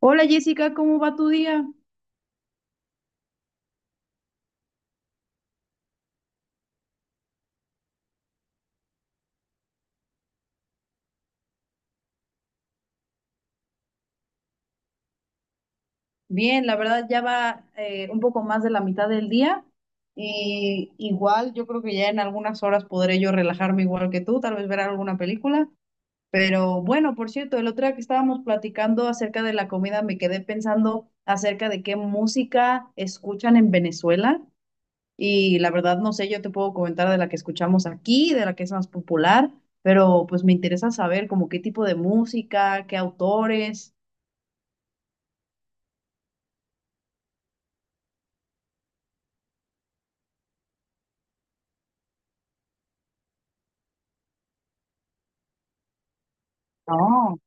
Hola Jessica, ¿cómo va tu día? Bien, la verdad ya va un poco más de la mitad del día y igual yo creo que ya en algunas horas podré yo relajarme igual que tú, tal vez ver alguna película. Pero bueno, por cierto, el otro día que estábamos platicando acerca de la comida me quedé pensando acerca de qué música escuchan en Venezuela y la verdad no sé, yo te puedo comentar de la que escuchamos aquí, de la que es más popular, pero pues me interesa saber como qué tipo de música, qué autores. No,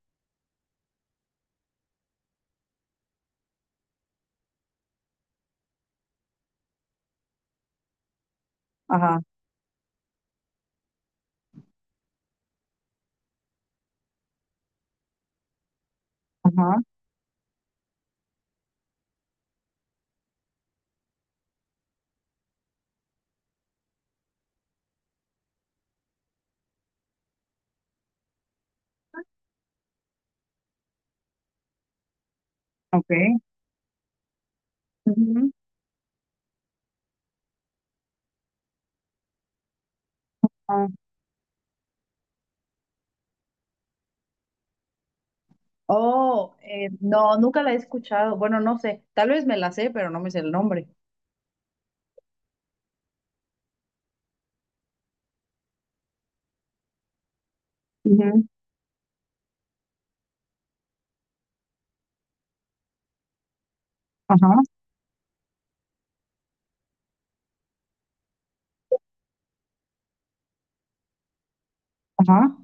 ajá. Ajá, ok. Ujú. Ah. Oh, no, nunca la he escuchado. Bueno, no sé, tal vez me la sé, pero no me sé el nombre. Ujú. Ajá, ajá.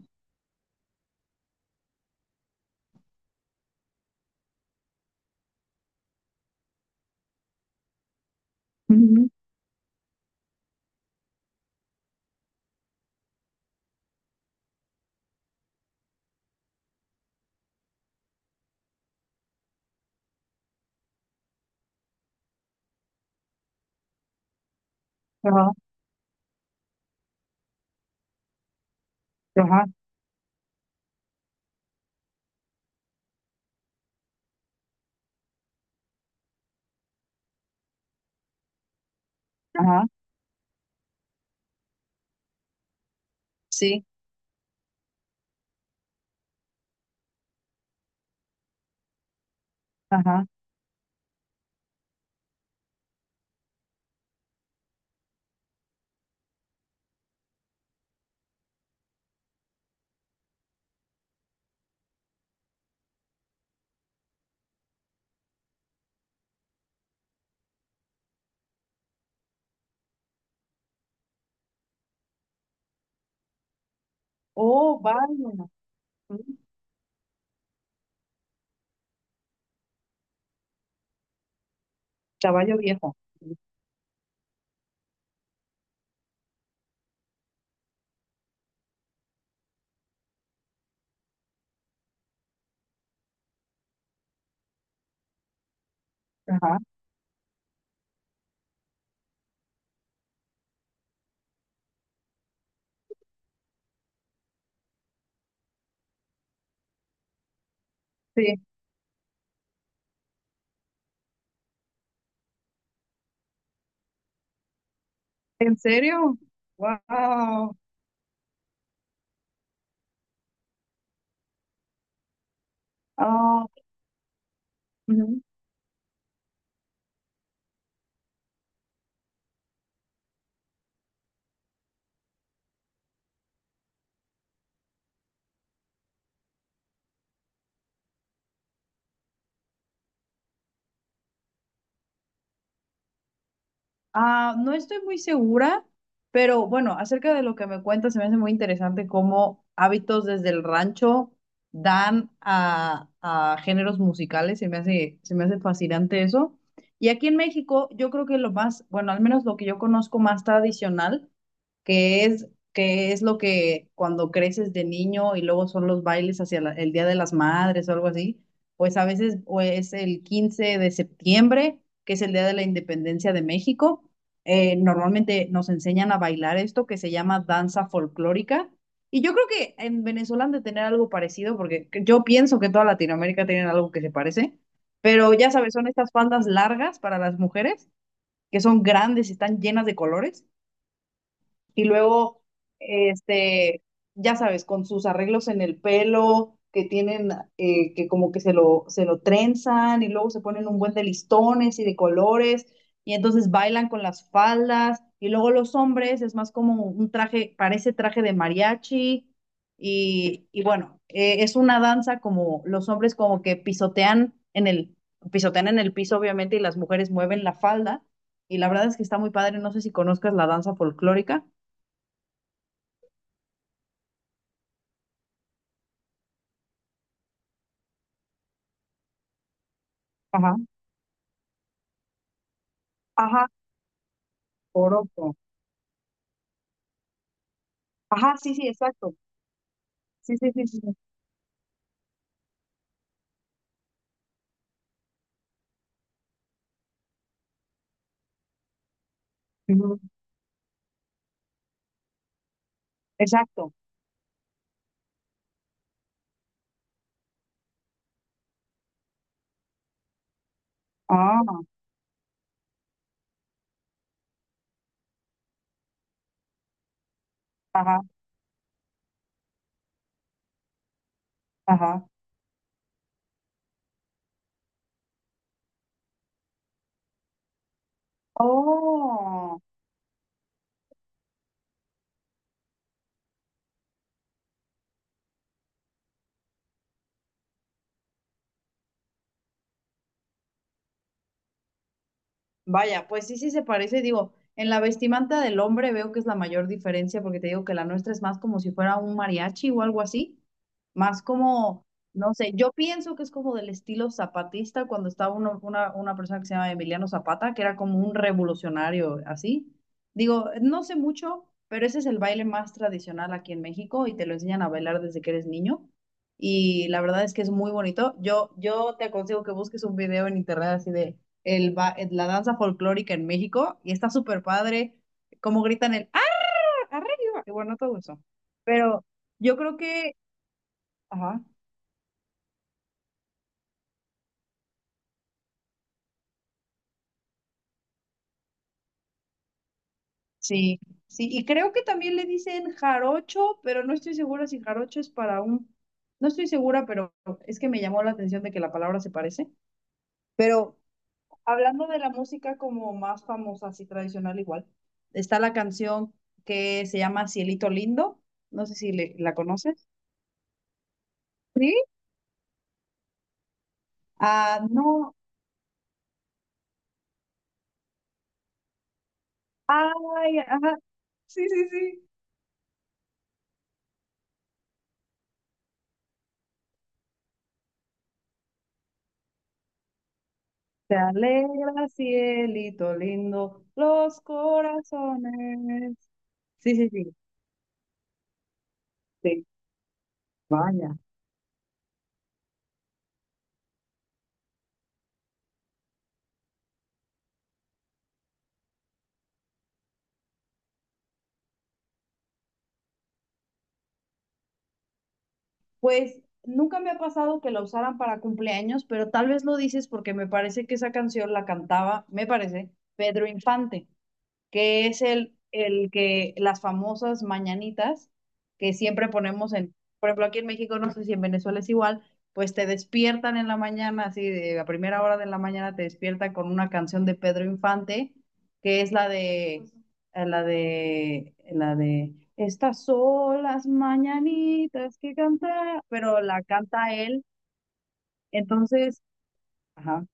Ujú. Ajá, ajá, ajá. Sí. Ajá. Oh, vaya. Ujú. Caballo viejo. Ajá. Sí. ¿En serio? Wow. Ah. Ah, no estoy muy segura, pero bueno, acerca de lo que me cuentas, se me hace muy interesante cómo hábitos desde el rancho dan a géneros musicales, se me hace fascinante eso. Y aquí en México, yo creo que lo más, bueno, al menos lo que yo conozco más tradicional, que es lo que cuando creces de niño y luego son los bailes hacia el Día de las Madres o algo así, pues a veces o es el 15 de septiembre, que es el Día de la Independencia de México. Normalmente nos enseñan a bailar esto que se llama danza folclórica. Y yo creo que en Venezuela han de tener algo parecido, porque yo pienso que toda Latinoamérica tiene algo que se parece, pero ya sabes, son estas faldas largas para las mujeres, que son grandes y están llenas de colores, y luego, este, ya sabes, con sus arreglos en el pelo, que tienen, que como que se lo trenzan y luego se ponen un buen de listones y de colores y entonces bailan con las faldas y luego los hombres es más como un traje, parece traje de mariachi y bueno, es una danza como los hombres como que pisotean en el piso obviamente y las mujeres mueven la falda. Y la verdad es que está muy padre. No sé si conozcas la danza folclórica. Ajá, ajá. Poroto. Ajá, sí, sí, exacto. Sí, sí, sí, sí. Sí. Ujú. Exacto. Ah, ajá, ajá. Oh. Vaya, pues sí, sí se parece, digo, en la vestimenta del hombre veo que es la mayor diferencia porque te digo que la nuestra es más como si fuera un mariachi o algo así, más como, no sé, yo pienso que es como del estilo zapatista cuando estaba una persona que se llama Emiliano Zapata, que era como un revolucionario así. Digo, no sé mucho, pero ese es el baile más tradicional aquí en México y te lo enseñan a bailar desde que eres niño. Y la verdad es que es muy bonito. Yo te aconsejo que busques un video en internet así de la danza folclórica en México y está súper padre cómo gritan el ¡Ah, arriba! Y bueno, todo eso. Pero yo creo que, ajá, sí, sí, y creo que también le dicen jarocho, pero no estoy segura si jarocho es para un, no estoy segura, pero es que me llamó la atención de que la palabra se parece. Pero hablando de la música como más famosa, así tradicional igual, está la canción que se llama Cielito Lindo, no sé si la conoces. Ah, no. Ay, ajá. Sí, sí, sí. Te alegra, cielito lindo, los corazones. Sí, sí, sí, sí. Vaya. Pues nunca me ha pasado que la usaran para cumpleaños, pero tal vez lo dices porque me parece que esa canción la cantaba, me parece, Pedro Infante. Que es el que las famosas mañanitas que siempre ponemos en, por ejemplo, aquí en México, no sé si en Venezuela es igual, pues te despiertan en la mañana, así de a primera hora de la mañana te despiertan con una canción de Pedro Infante, que es la de, estas son las mañanitas que canta, pero la canta él, entonces, ajá,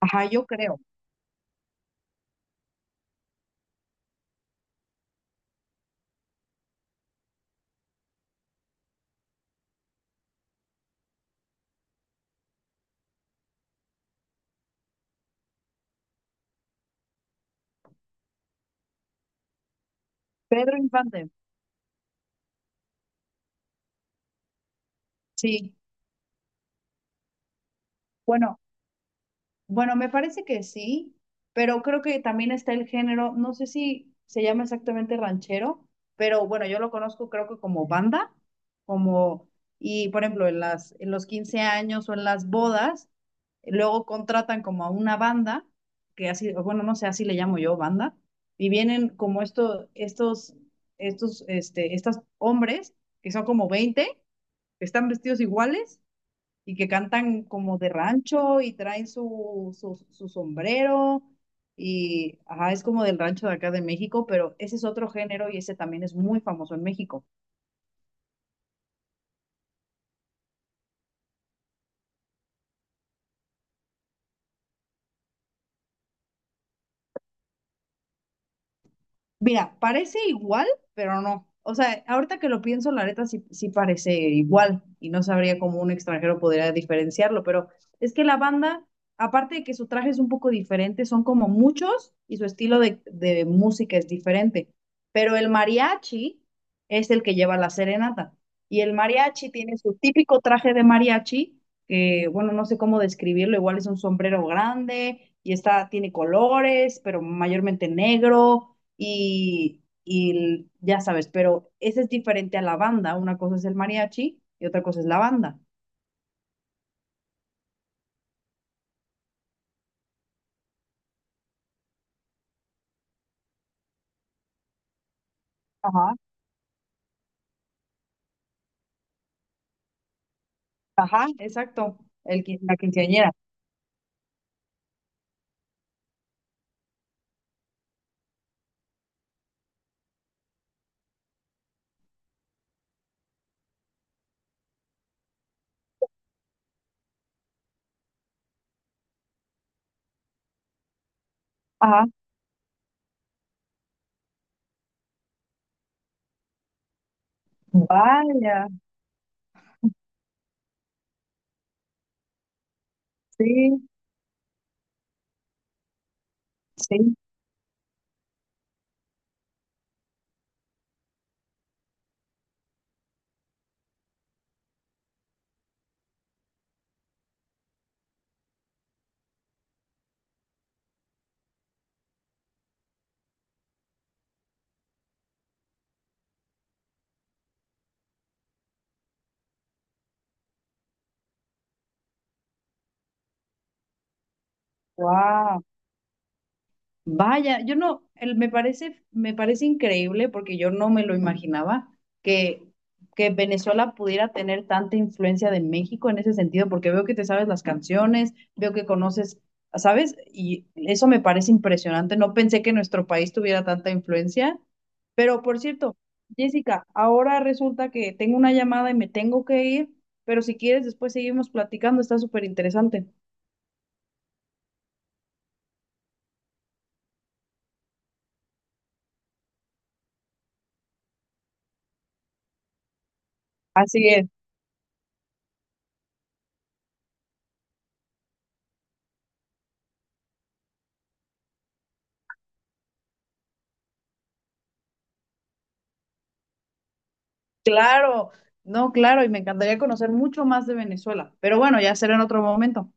ajá, yo creo, Pedro Infante, sí, bueno. Bueno, me parece que sí, pero creo que también está el género, no sé si se llama exactamente ranchero, pero bueno, yo lo conozco creo que como banda, como, y por ejemplo, en los 15 años o en las bodas, luego contratan como a una banda, que así, o bueno, no sé, así le llamo yo, banda, y vienen como estos hombres, que son como 20 que están vestidos iguales y que cantan como de rancho y traen su sombrero y ajá, es como del rancho de acá de México, pero ese es otro género y ese también es muy famoso en México. Mira, parece igual, pero no. O sea, ahorita que lo pienso, la neta sí, sí parece igual y no sabría cómo un extranjero podría diferenciarlo, pero es que la banda, aparte de que su traje es un poco diferente, son como muchos y su estilo de música es diferente. Pero el mariachi es el que lleva la serenata y el mariachi tiene su típico traje de mariachi, que bueno, no sé cómo describirlo, igual es un sombrero grande y está, tiene colores, pero mayormente negro y ya sabes, pero ese es diferente a la banda. Una cosa es el mariachi y otra cosa es la banda. Ajá, ajá. Exacto, la quinceañera. Ajá, vaya, sí, sí, wow. Vaya, yo no, me parece increíble porque yo no me lo imaginaba que, que, Venezuela pudiera tener tanta influencia de México en ese sentido, porque veo que te sabes las canciones, veo que conoces, ¿sabes? Y eso me parece impresionante. No pensé que nuestro país tuviera tanta influencia. Pero por cierto, Jessica, ahora resulta que tengo una llamada y me tengo que ir, pero si quieres después seguimos platicando, está súper interesante. Así es. Claro, no, claro, y me encantaría conocer mucho más de Venezuela, pero bueno, ya será en otro momento.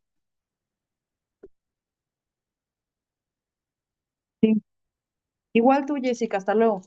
Sí. Igual tú, Jessica, hasta luego.